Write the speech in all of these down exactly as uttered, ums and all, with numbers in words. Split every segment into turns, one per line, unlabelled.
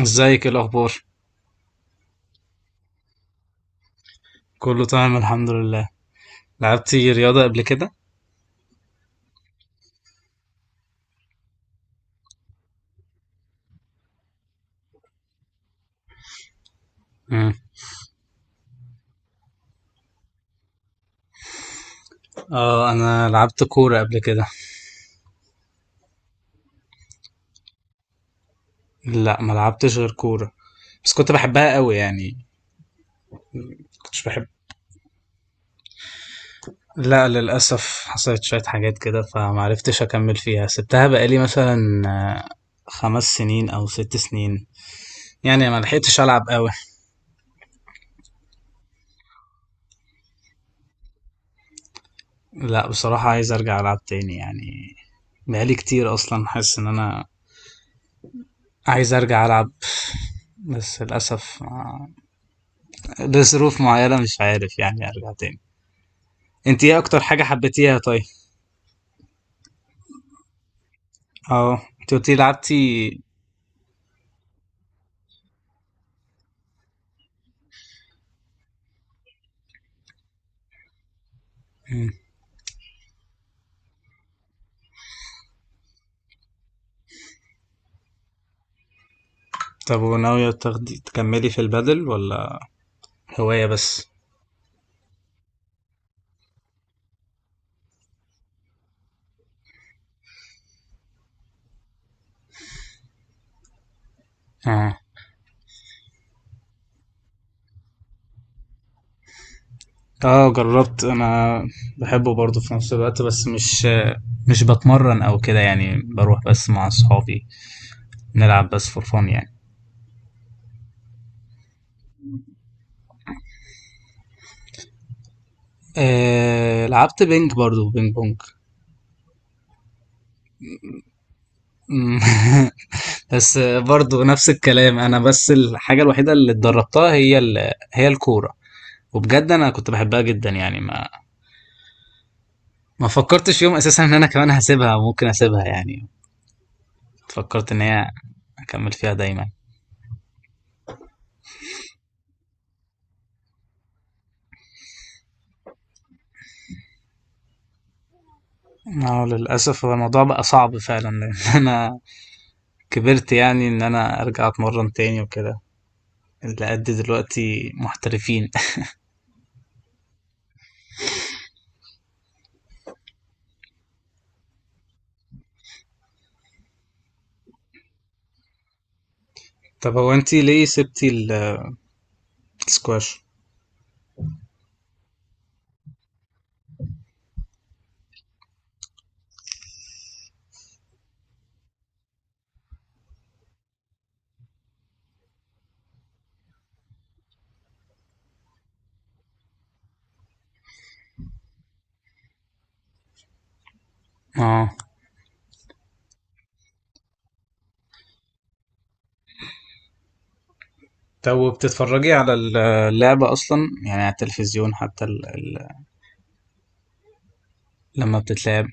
ازيك، ايه الاخبار؟ كله تمام الحمد لله. لعبتي رياضة قبل كده؟ مم. اه انا لعبت كورة قبل كده. لا، ما لعبتش غير كورة، بس كنت بحبها قوي يعني. كنتش بحب. لا، للاسف حصلت شوية حاجات كده، فمعرفتش اكمل فيها. سبتها بقالي مثلا آه، خمس سنين او ست سنين، يعني ما لحقتش العب قوي. لا، بصراحة عايز ارجع العب تاني يعني. بقالي كتير اصلا، حاسس ان انا عايز ارجع العب، بس للاسف لظروف معينة مش عارف يعني ارجع تاني. انت ايه اكتر حاجة حبيتيها؟ طيب اه، انت قلتي لعبتي. مم. طب وناوية تاخدي تكملي في البادل، ولا هواية بس؟ اه اه، جربت انا. بحبه برضه في نفس الوقت، بس مش مش بتمرن او كده يعني، بروح بس مع اصحابي نلعب بس فور فun يعني. آه لعبت بينج برضه، بينج بونج. مم. بس برضه نفس الكلام انا، بس الحاجة الوحيدة اللي اتدربتها هي ال... هي الكورة، وبجد انا كنت بحبها جدا يعني. ما ما فكرتش يوم اساسا ان انا كمان هسيبها، ممكن اسيبها يعني، فكرت ان هي اكمل فيها دايما. اه للاسف هو الموضوع بقى صعب فعلا لان انا كبرت، يعني ان انا ارجع اتمرن تاني وكده، اللي قد دلوقتي محترفين طب هو انتي ليه سبتي ال- السكواش؟ اه. طب بتتفرجي على ال- اللعبة أصلا؟ يعني على التلفزيون، حتى ال... ال... لما بتتلعب.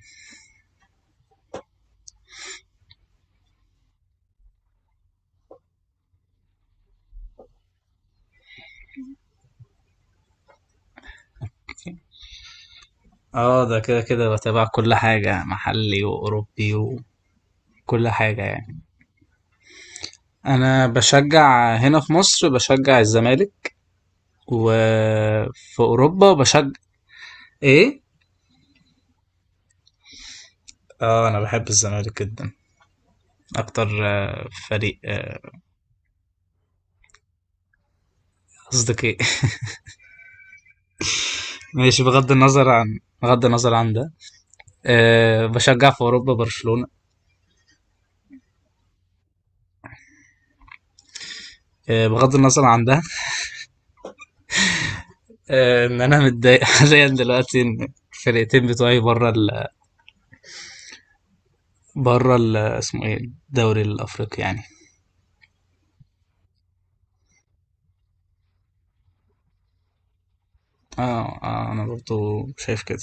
اه ده كده كده بتابع كل حاجة، محلي وأوروبي و... كل حاجة يعني. أنا بشجع هنا في مصر، بشجع الزمالك، وفي أوروبا بشجع. إيه؟ آه أنا بحب الزمالك جدا، أكتر آه، فريق آه، قصدك إيه؟ ماشي، بغض النظر عن بغض النظر عن ده. آه، بشجع في أوروبا برشلونة. آه، بغض النظر عن ده. آه، إن أنا متضايق حاليا دلوقتي، إن الفرقتين بتوعي بره ال بره ال اسمه إيه، الدوري الأفريقي يعني. اه اه، انا برضو شايف كده.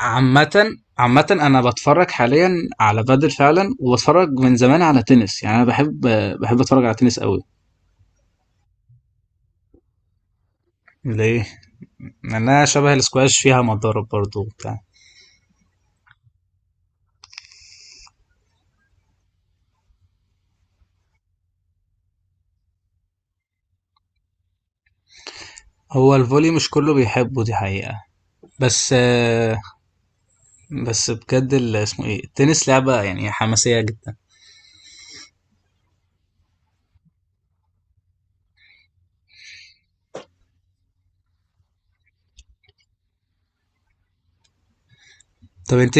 عامةً عامةً أنا باتفرج حاليًا على بادل فعلًا، وباتفرج من زمان على تنس، يعني أنا بحب بحب أتفرج على تنس قوي. ليه؟ لأنها شبه الاسكواش، فيها مضارب برضو وبتاع. هو الفولي مش كله بيحبه، دي حقيقة، بس آه، بس بجد ال- اسمه ايه، التنس لعبة يعني حماسية جدا. طب انت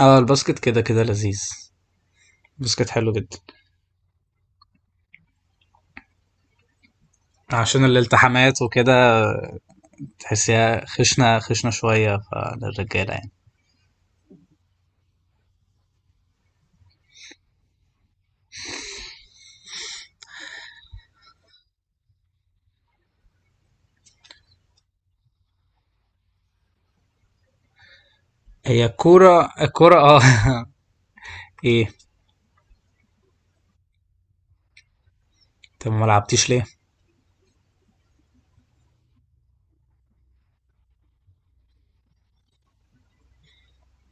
اه الباسكت كده كده لذيذ، الباسكت حلو جدا، عشان الالتحامات وكده. تحسيها خشنة خشنة شوية، فللرجالة يعني. هي الكورة الكورة اه إيه؟ طب ما لعبتيش ليه؟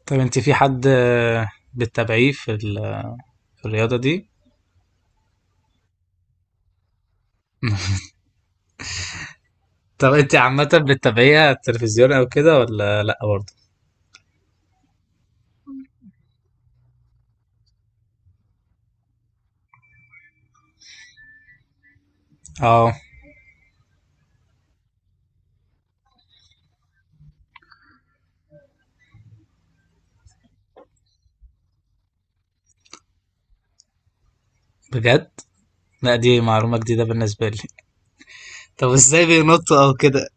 طب انت في حد آه، بتتابعيه في ال- في الرياضة دي؟ طب انت عامة، بتتابعيها التلفزيون او كده، ولا لأ برضه؟ اه بجد؟ لأ، دي معلومة جديدة بالنسبة لي. طب ازاي بينطوا او كده؟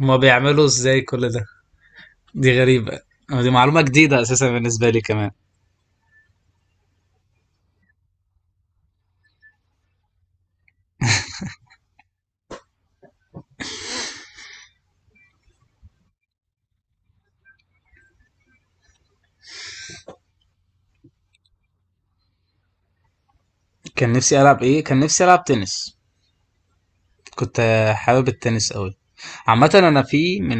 هما بيعملوا ازاي كل ده؟ دي غريبة، أو دي معلومة جديدة اساسا بالنسبة لي كمان. كان نفسي ألعب ايه؟ كان نفسي ألعب تنس، كنت آه، حابب التنس أوي. عامة أنا في من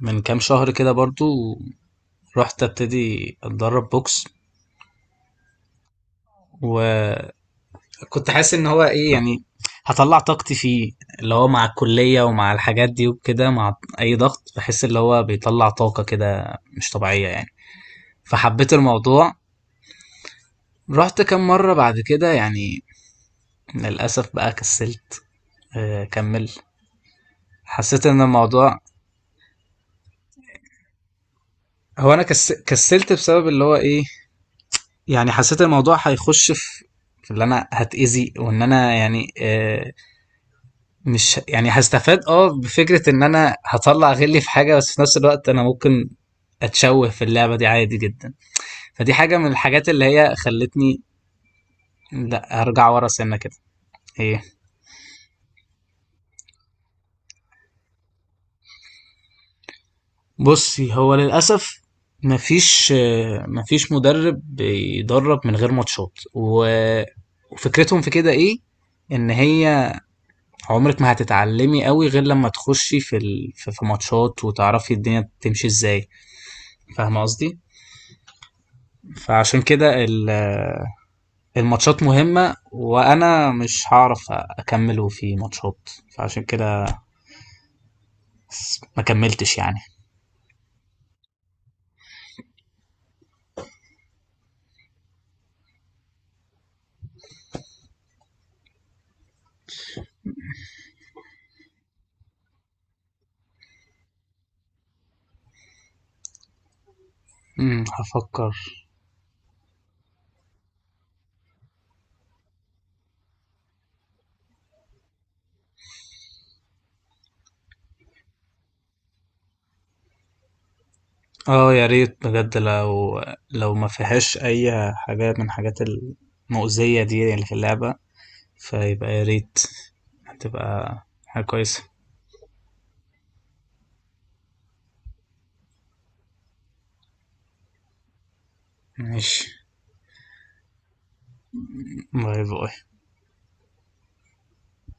من كام شهر كده برضو، رحت ابتدي اتدرب بوكس، وكنت حاسس ان هو ايه يعني، هطلع طاقتي فيه، اللي هو مع الكلية ومع الحاجات دي وكده، مع اي ضغط بحس اللي هو بيطلع طاقة كده مش طبيعية يعني، فحبيت الموضوع. رحت كم مرة بعد كده يعني، للأسف بقى كسلت، آه، كمل، حسيت ان الموضوع، هو انا كس... كسلت بسبب اللي هو ايه، يعني حسيت الموضوع هيخش في في اللي انا هتأذي، وان انا يعني، آه، مش يعني هستفاد، اه بفكرة ان انا هطلع غلي في حاجة، بس في نفس الوقت انا ممكن اتشوه في اللعبة دي عادي جدا. فدي حاجة من الحاجات اللي هي خلتني لا ارجع ورا سنة كده. هي. بصي هو للأسف مفيش آه، مفيش مدرب بيدرب من غير ماتشات، و- وفكرتهم في كده ايه، ان هي عمرك ما هتتعلمي قوي غير لما تخشي في ال... في في ماتشات، وتعرفي الدنيا تمشي ازاي. فاهمة قصدي؟ فعشان كده ال- الماتشات مهمة، وانا مش هعرف اكمله في ماتشات، فعشان كده ما كملتش يعني. امم هفكر. اه يا ريت بجد، لو لو ما فيهاش اي حاجات من الحاجات المؤذية دي اللي في اللعبة، فيبقى يا ريت، هتبقى حاجة كويسة. ماشي، باي باي.